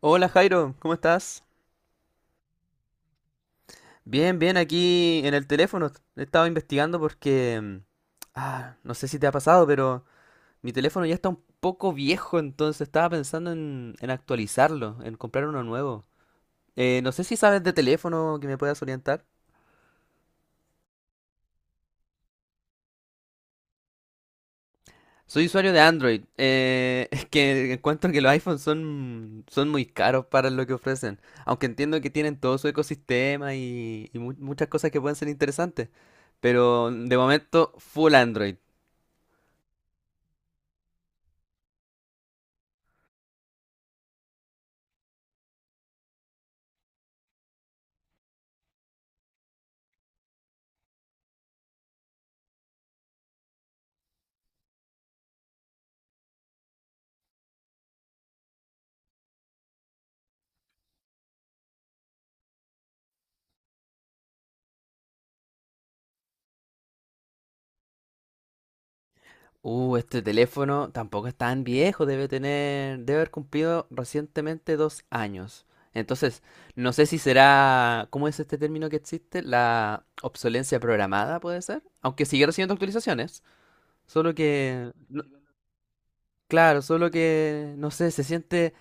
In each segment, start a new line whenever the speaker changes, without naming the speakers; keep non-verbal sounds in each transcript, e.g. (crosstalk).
Hola Jairo, ¿cómo estás? Bien, bien, aquí en el teléfono. Estaba investigando porque Ah, no sé si te ha pasado, pero mi teléfono ya está un poco viejo, entonces estaba pensando en actualizarlo, en comprar uno nuevo. No sé si sabes de teléfono que me puedas orientar. Soy usuario de Android. (laughs) Es que encuentro que los iPhones son muy caros para lo que ofrecen. Aunque entiendo que tienen todo su ecosistema y muchas cosas que pueden ser interesantes. Pero de momento, full Android. Este teléfono tampoco es tan viejo, debe haber cumplido recientemente dos años. Entonces, no sé si será, ¿cómo es este término que existe? La obsolencia programada, puede ser. Aunque sigue recibiendo actualizaciones, solo que, no- claro, solo que, no sé, se siente,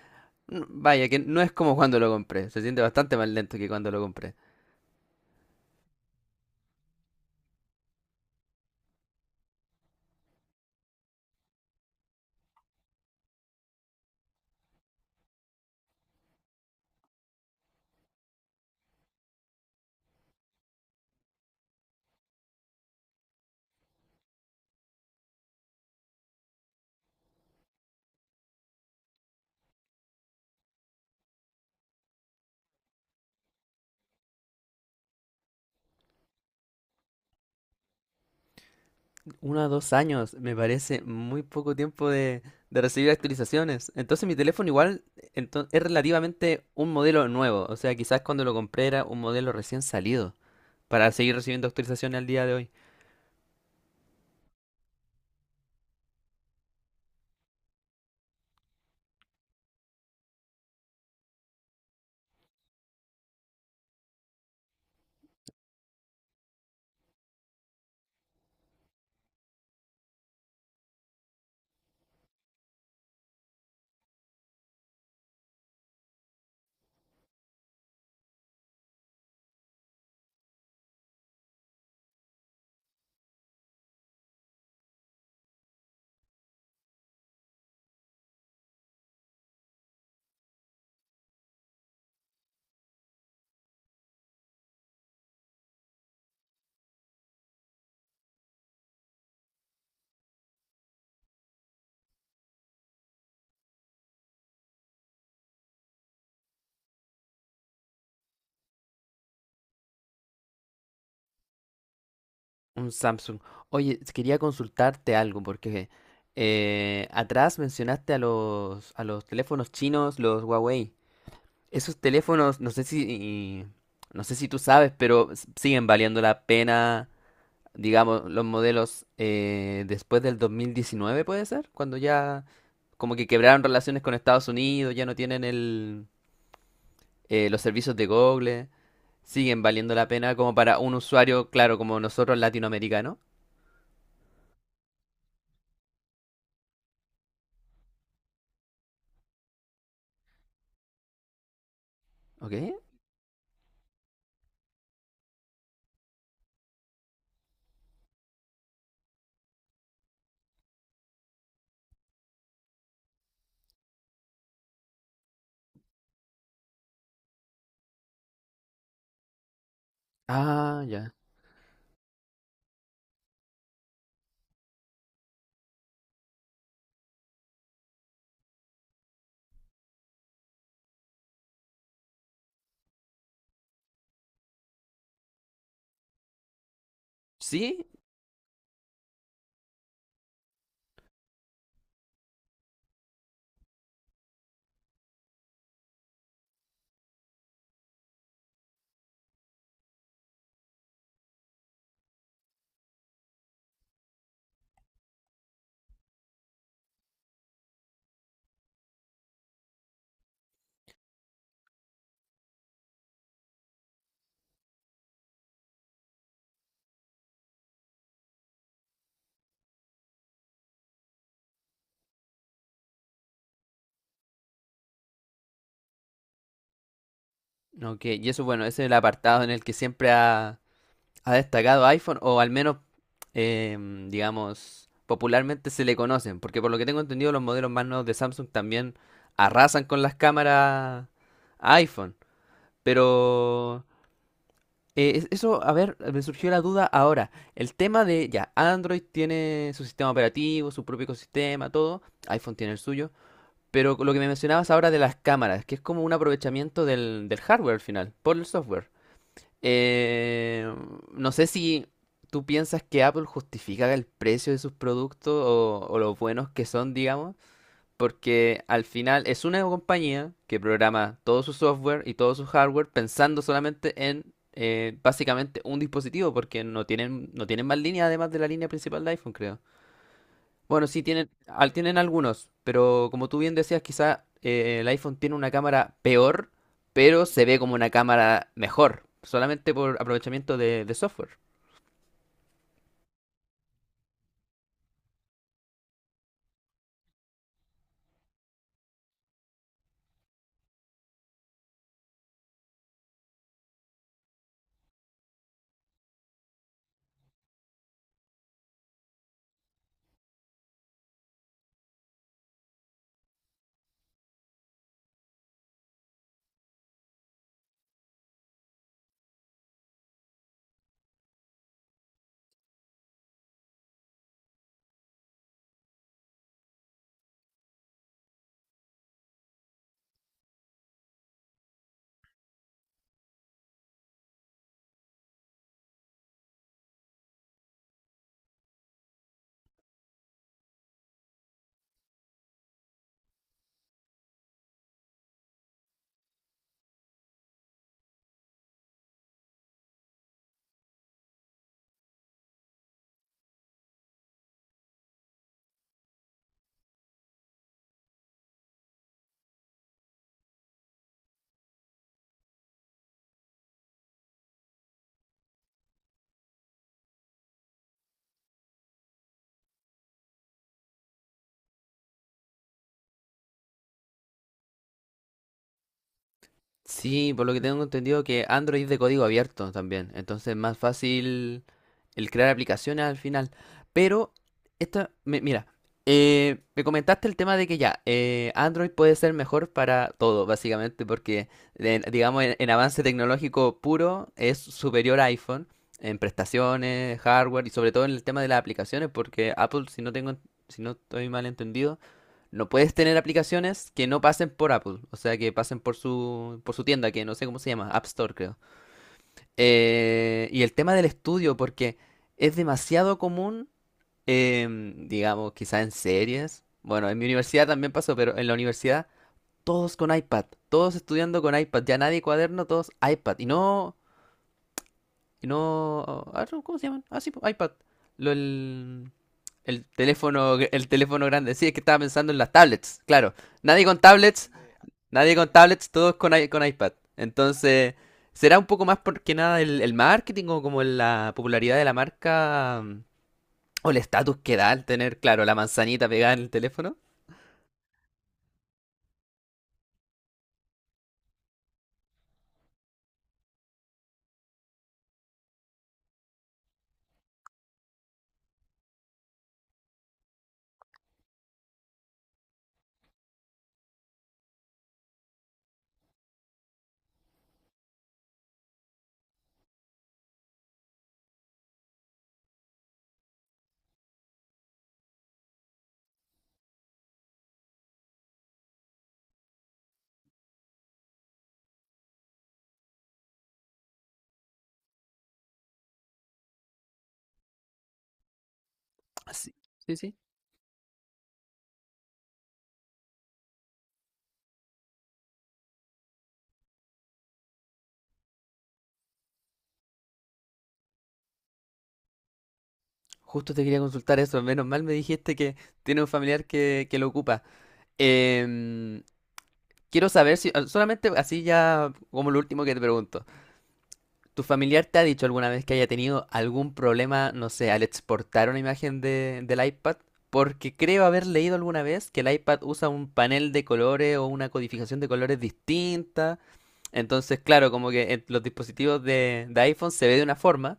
mm, vaya, que no es como cuando lo compré, se siente bastante más lento que cuando lo compré. Uno a dos años, me parece muy poco tiempo de recibir actualizaciones. Entonces mi teléfono igual es relativamente un modelo nuevo. O sea, quizás cuando lo compré era un modelo recién salido para seguir recibiendo actualizaciones al día de hoy. Un Samsung. Oye, quería consultarte algo porque atrás mencionaste a los teléfonos chinos, los Huawei. Esos teléfonos, no sé si, no sé si tú sabes, pero siguen valiendo la pena digamos, los modelos después del 2019, puede ser, cuando ya como que quebraron relaciones con Estados Unidos, ya no tienen los servicios de Google, siguen valiendo la pena como para un usuario, claro, como nosotros latinoamericanos. ¿Ok? Ah, ya. ¿Sí? Ok, y eso, bueno, ese es el apartado en el que siempre ha destacado iPhone, o al menos digamos, popularmente se le conocen, porque por lo que tengo entendido los modelos más nuevos de Samsung también arrasan con las cámaras iPhone, pero eso, a ver, me surgió la duda ahora, el tema de, ya, Android tiene su sistema operativo, su propio ecosistema, todo, iPhone tiene el suyo, pero lo que me mencionabas ahora de las cámaras, que es como un aprovechamiento del hardware al final, por el software. Eh, no sé si tú piensas que Apple justifica el precio de sus productos o los buenos que son, digamos, porque al final es una compañía que programa todo su software y todo su hardware pensando solamente en básicamente un dispositivo, porque no tienen más línea además de la línea principal de iPhone, creo. Bueno, sí, tienen, tienen algunos, pero como tú bien decías, quizá el iPhone tiene una cámara peor, pero se ve como una cámara mejor, solamente por aprovechamiento de software. Sí, por lo que tengo entendido que Android es de código abierto también, entonces es más fácil el crear aplicaciones al final. Pero, esta mira, me comentaste el tema de que ya, Android puede ser mejor para todo, básicamente, porque, digamos, en avance tecnológico puro es superior a iPhone, en prestaciones, hardware y sobre todo en el tema de las aplicaciones, porque Apple, si no tengo, si no estoy mal entendido, no puedes tener aplicaciones que no pasen por Apple, o sea, que pasen por su tienda, que no sé cómo se llama, App Store, creo. Y el tema del estudio, porque es demasiado común, digamos, quizá en series. Bueno, en mi universidad también pasó, pero en la universidad todos con iPad, todos estudiando con iPad, ya nadie cuaderno, todos iPad. Y no, ah, no, ¿cómo se llaman? Ah, sí, po, iPad. Lo- el, el teléfono, el teléfono grande. Sí, es que estaba pensando en las tablets, claro. Nadie con tablets, nadie con tablets, todos con iPad. Entonces, será un poco más porque nada el marketing o como la popularidad de la marca o el estatus que da al tener, claro, la manzanita pegada en el teléfono. Sí, sí, sí. Justo te quería consultar eso. Menos mal me dijiste que tiene un familiar que lo ocupa. Em, Quiero saber si, solamente así ya como lo último que te pregunto. ¿Tu familiar te ha dicho alguna vez que haya tenido algún problema, no sé, al exportar una imagen del iPad? Porque creo haber leído alguna vez que el iPad usa un panel de colores o una codificación de colores distinta. Entonces, claro, como que en los dispositivos de iPhone se ve de una forma,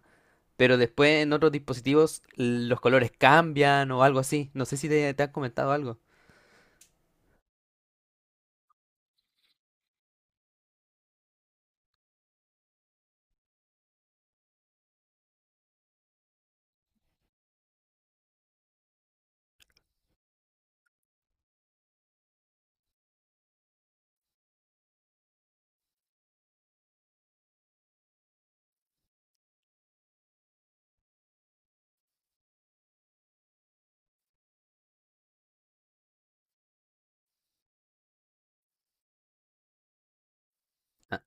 pero después en otros dispositivos los colores cambian o algo así. No sé si te, te han comentado algo. Ah,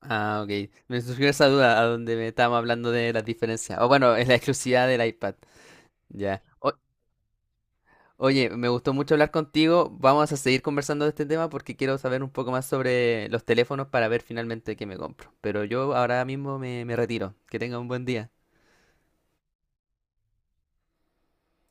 ah, ok. Me surgió esa duda a donde me estábamos hablando de las diferencias. O bueno, es la exclusividad del iPad. Ya. Oye, me gustó mucho hablar contigo. Vamos a seguir conversando de este tema porque quiero saber un poco más sobre los teléfonos para ver finalmente qué me compro. Pero yo ahora mismo me retiro. Que tenga un buen día.